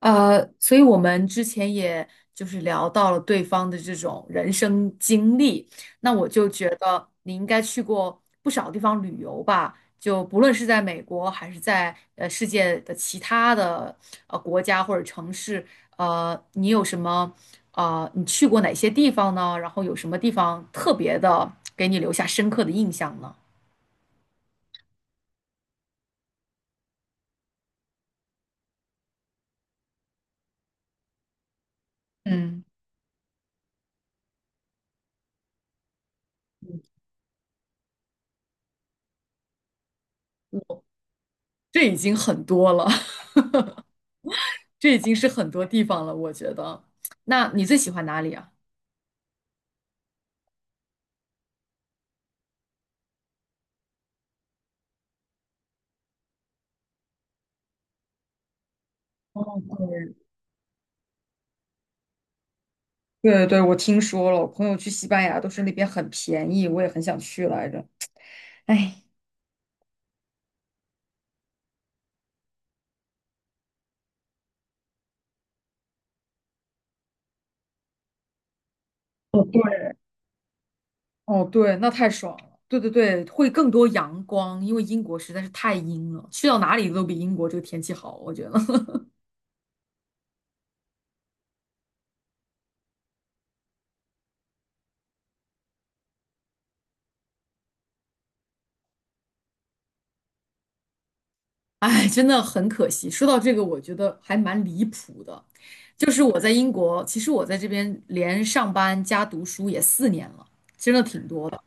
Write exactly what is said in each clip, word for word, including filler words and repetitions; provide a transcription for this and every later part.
呃，所以我们之前也就是聊到了对方的这种人生经历，那我就觉得你应该去过不少地方旅游吧，就不论是在美国还是在呃世界的其他的呃国家或者城市，呃，你有什么呃你去过哪些地方呢？然后有什么地方特别的给你留下深刻的印象呢？嗯，这已经很多了，这已经是很多地方了，我觉得。那你最喜欢哪里啊？哦，对对对，我听说了，我朋友去西班牙都是那边很便宜，我也很想去来着。哎，哦对，哦对，那太爽了。对对对，会更多阳光，因为英国实在是太阴了，去到哪里都比英国这个天气好，我觉得。哎，真的很可惜。说到这个，我觉得还蛮离谱的，就是我在英国，其实我在这边连上班加读书也四年了，真的挺多的。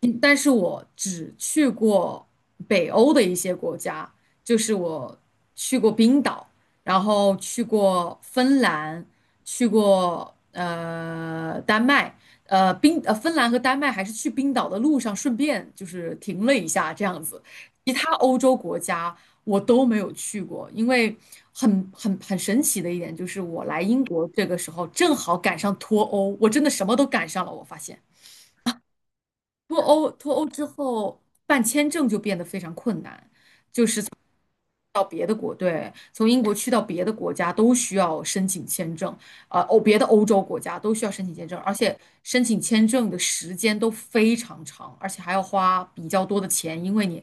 嗯，但是我只去过北欧的一些国家，就是我去过冰岛，然后去过芬兰，去过呃丹麦，呃冰呃芬兰和丹麦还是去冰岛的路上顺便就是停了一下这样子，其他欧洲国家我都没有去过，因为很很很神奇的一点就是我来英国这个时候正好赶上脱欧，我真的什么都赶上了，我发现。脱欧脱欧之后办签证就变得非常困难，到别的国，对，从英国去到别的国家都需要申请签证，呃，欧别的欧洲国家都需要申请签证，而且申请签证的时间都非常长，而且还要花比较多的钱，因为你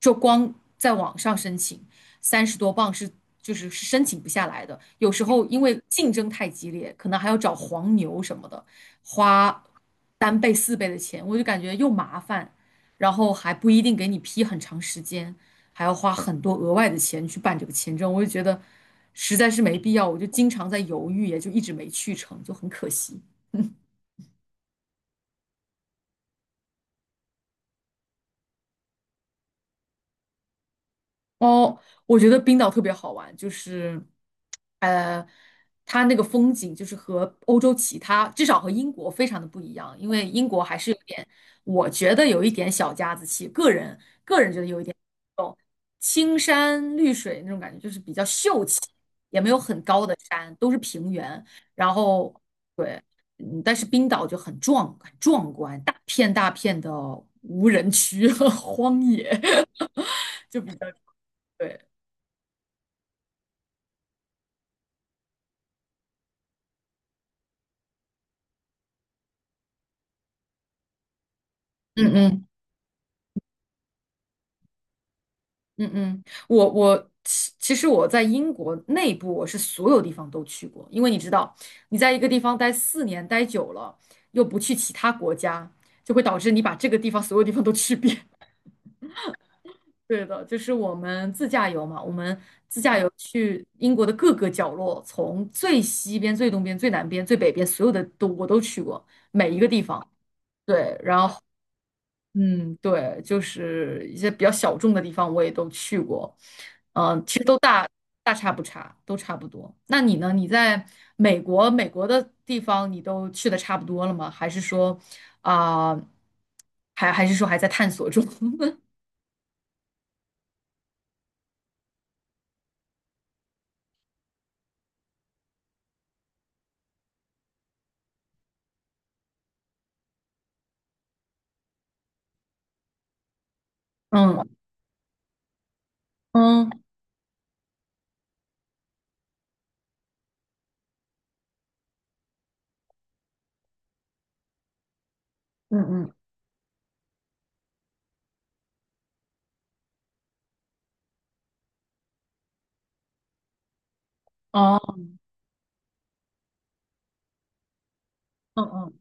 就光在网上申请，三十多磅是就是是申请不下来的。有时候因为竞争太激烈，可能还要找黄牛什么的，花三倍四倍的钱，我就感觉又麻烦，然后还不一定给你批很长时间，还要花很多额外的钱去办这个签证，我就觉得实在是没必要，我就经常在犹豫，也就一直没去成，就很可惜。哦，我觉得冰岛特别好玩，就是，呃，它那个风景就是和欧洲其他，至少和英国非常的不一样，因为英国还是有点，我觉得有一点小家子气，个人有一点青山绿水那种感觉，就是比较秀气，也没有很高的山，都是平原，然后对，嗯，但是冰岛就很壮，很壮观，大片大片的无人区和 荒野，就比较对。嗯嗯。嗯嗯，我我其其实我在英国内部，我是所有地方都去过，因为你知道，你在一个地方待四年待久了，又不去其他国家，就会导致你把这个地方所有地方都去遍。对的，就是我们自驾游嘛，我们自驾游去英国的各个角落，从最西边、最东边、最南边、最北边，所有的都我都去过，每一个地方。对，然后嗯，对，就是一些比较小众的地方我也都去过。嗯，其实。大差不差，都差不多。那你呢？你在美国，美国的地方你都去的差不多了吗？还是说，啊、还还是说还在探索中？嗯嗯嗯嗯，哦，嗯嗯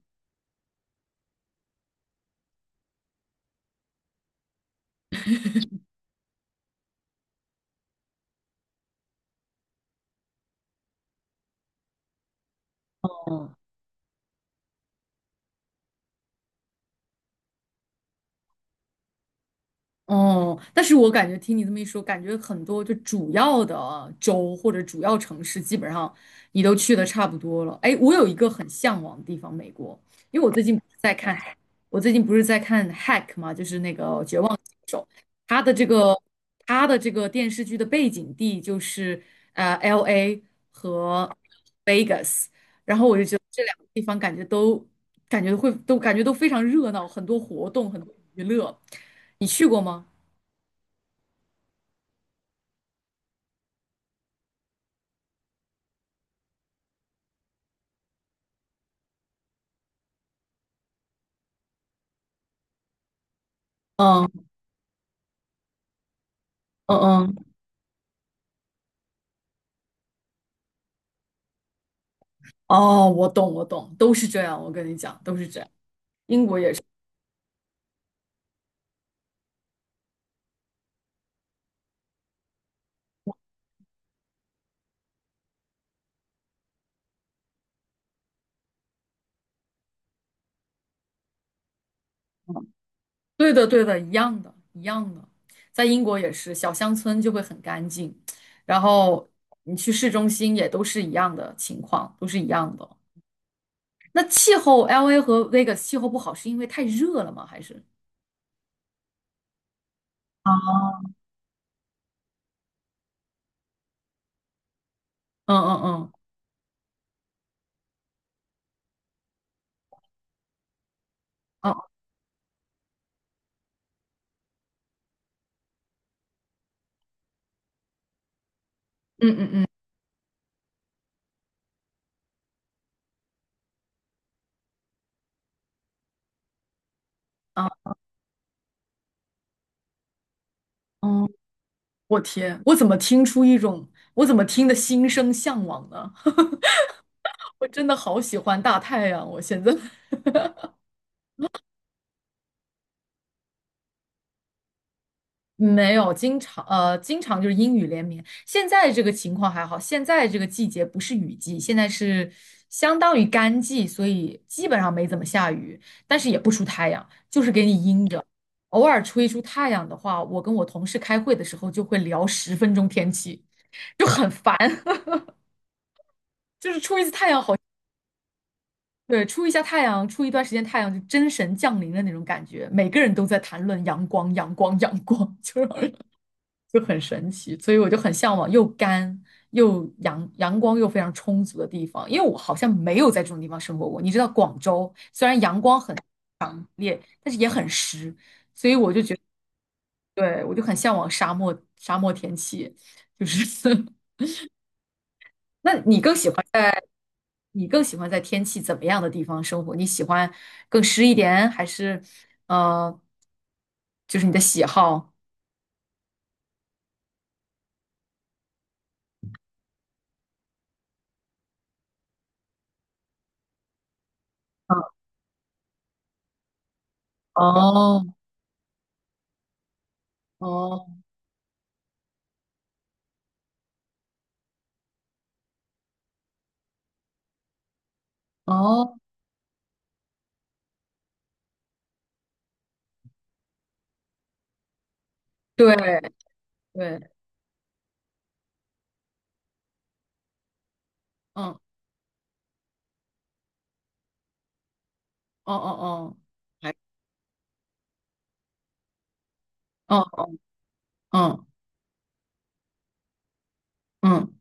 哦哦。但是我感觉听你这么一说，感觉很多就主要的州或者主要城市，基本上你都去的差不多了。哎，我有一个很向往的地方，美国，因为我最近不是在看，我最近不是在看《Hack》嘛，就是那个《绝望》。它的这个它的这个电视剧的背景地就是呃 L A 和 Vegas，然后我就觉得这两个地方感觉都感觉会都感觉都非常热闹，很多活动，很多娱乐。你去过吗？嗯嗯嗯，哦，我懂我懂，都是这样，我跟你讲，都是这样。英国也是。对的，对的，一样的，一样的，在英国也是，小乡村就会很干净，然后你去市中心也都是一样的情况，都是一样的。那气候，L A 和 Vegas 气候不好是因为太热了吗？还是？啊？嗯嗯嗯，啊，嗯嗯嗯，啊，哦，我天，我怎么听出一种，我怎么听得心生向往呢？我真的好喜欢大太阳，我现在。没有，经常呃，经常就是阴雨连绵。现在这个情况还好，现在这个季节不是雨季，现在是相当于干季，所以基本上没怎么下雨，但是也不出太阳，就是给你阴着。偶尔出一出太阳的话，我跟我同事开会的时候就会聊十分钟天气，就很烦。就是出一次太阳好，对，出一下太阳，出一段时间太阳，就真神降临的那种感觉，每个人都在谈论阳光，阳光，阳光，就是就很神奇，所以我就很向往又干又阳阳光又非常充足的地方，因为我好像没有在这种地方生活过。你知道广州虽然阳光很烈，但是也很湿，所以我就觉得，对，我就很向往沙漠沙漠天气，就是 那你更喜欢你更喜欢在天气怎么样的地方生活？你喜欢更湿一点，还是呃，就是你的喜好？哦哦哦，对对，嗯。哦哦还哦，嗯嗯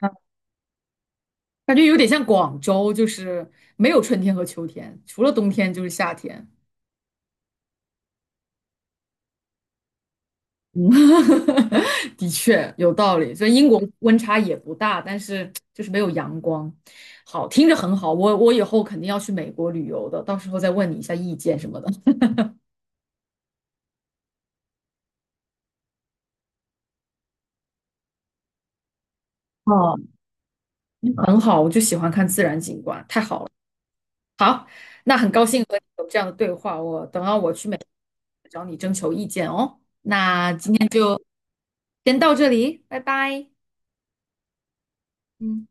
嗯，感觉有点像广州，就是没有春天和秋天，除了冬天就是夏天。嗯，的确有道理。所以英国温差也不大，但是就是没有阳光。好，听着很好，我我以后肯定要去美国旅游的，到时候再问你一下意见什么的。哦，很好，我就喜欢看自然景观，太好了。那很高兴和你有这样的对话，我等到我去美国找你征求意见哦。那今天就先到这里，拜拜。嗯。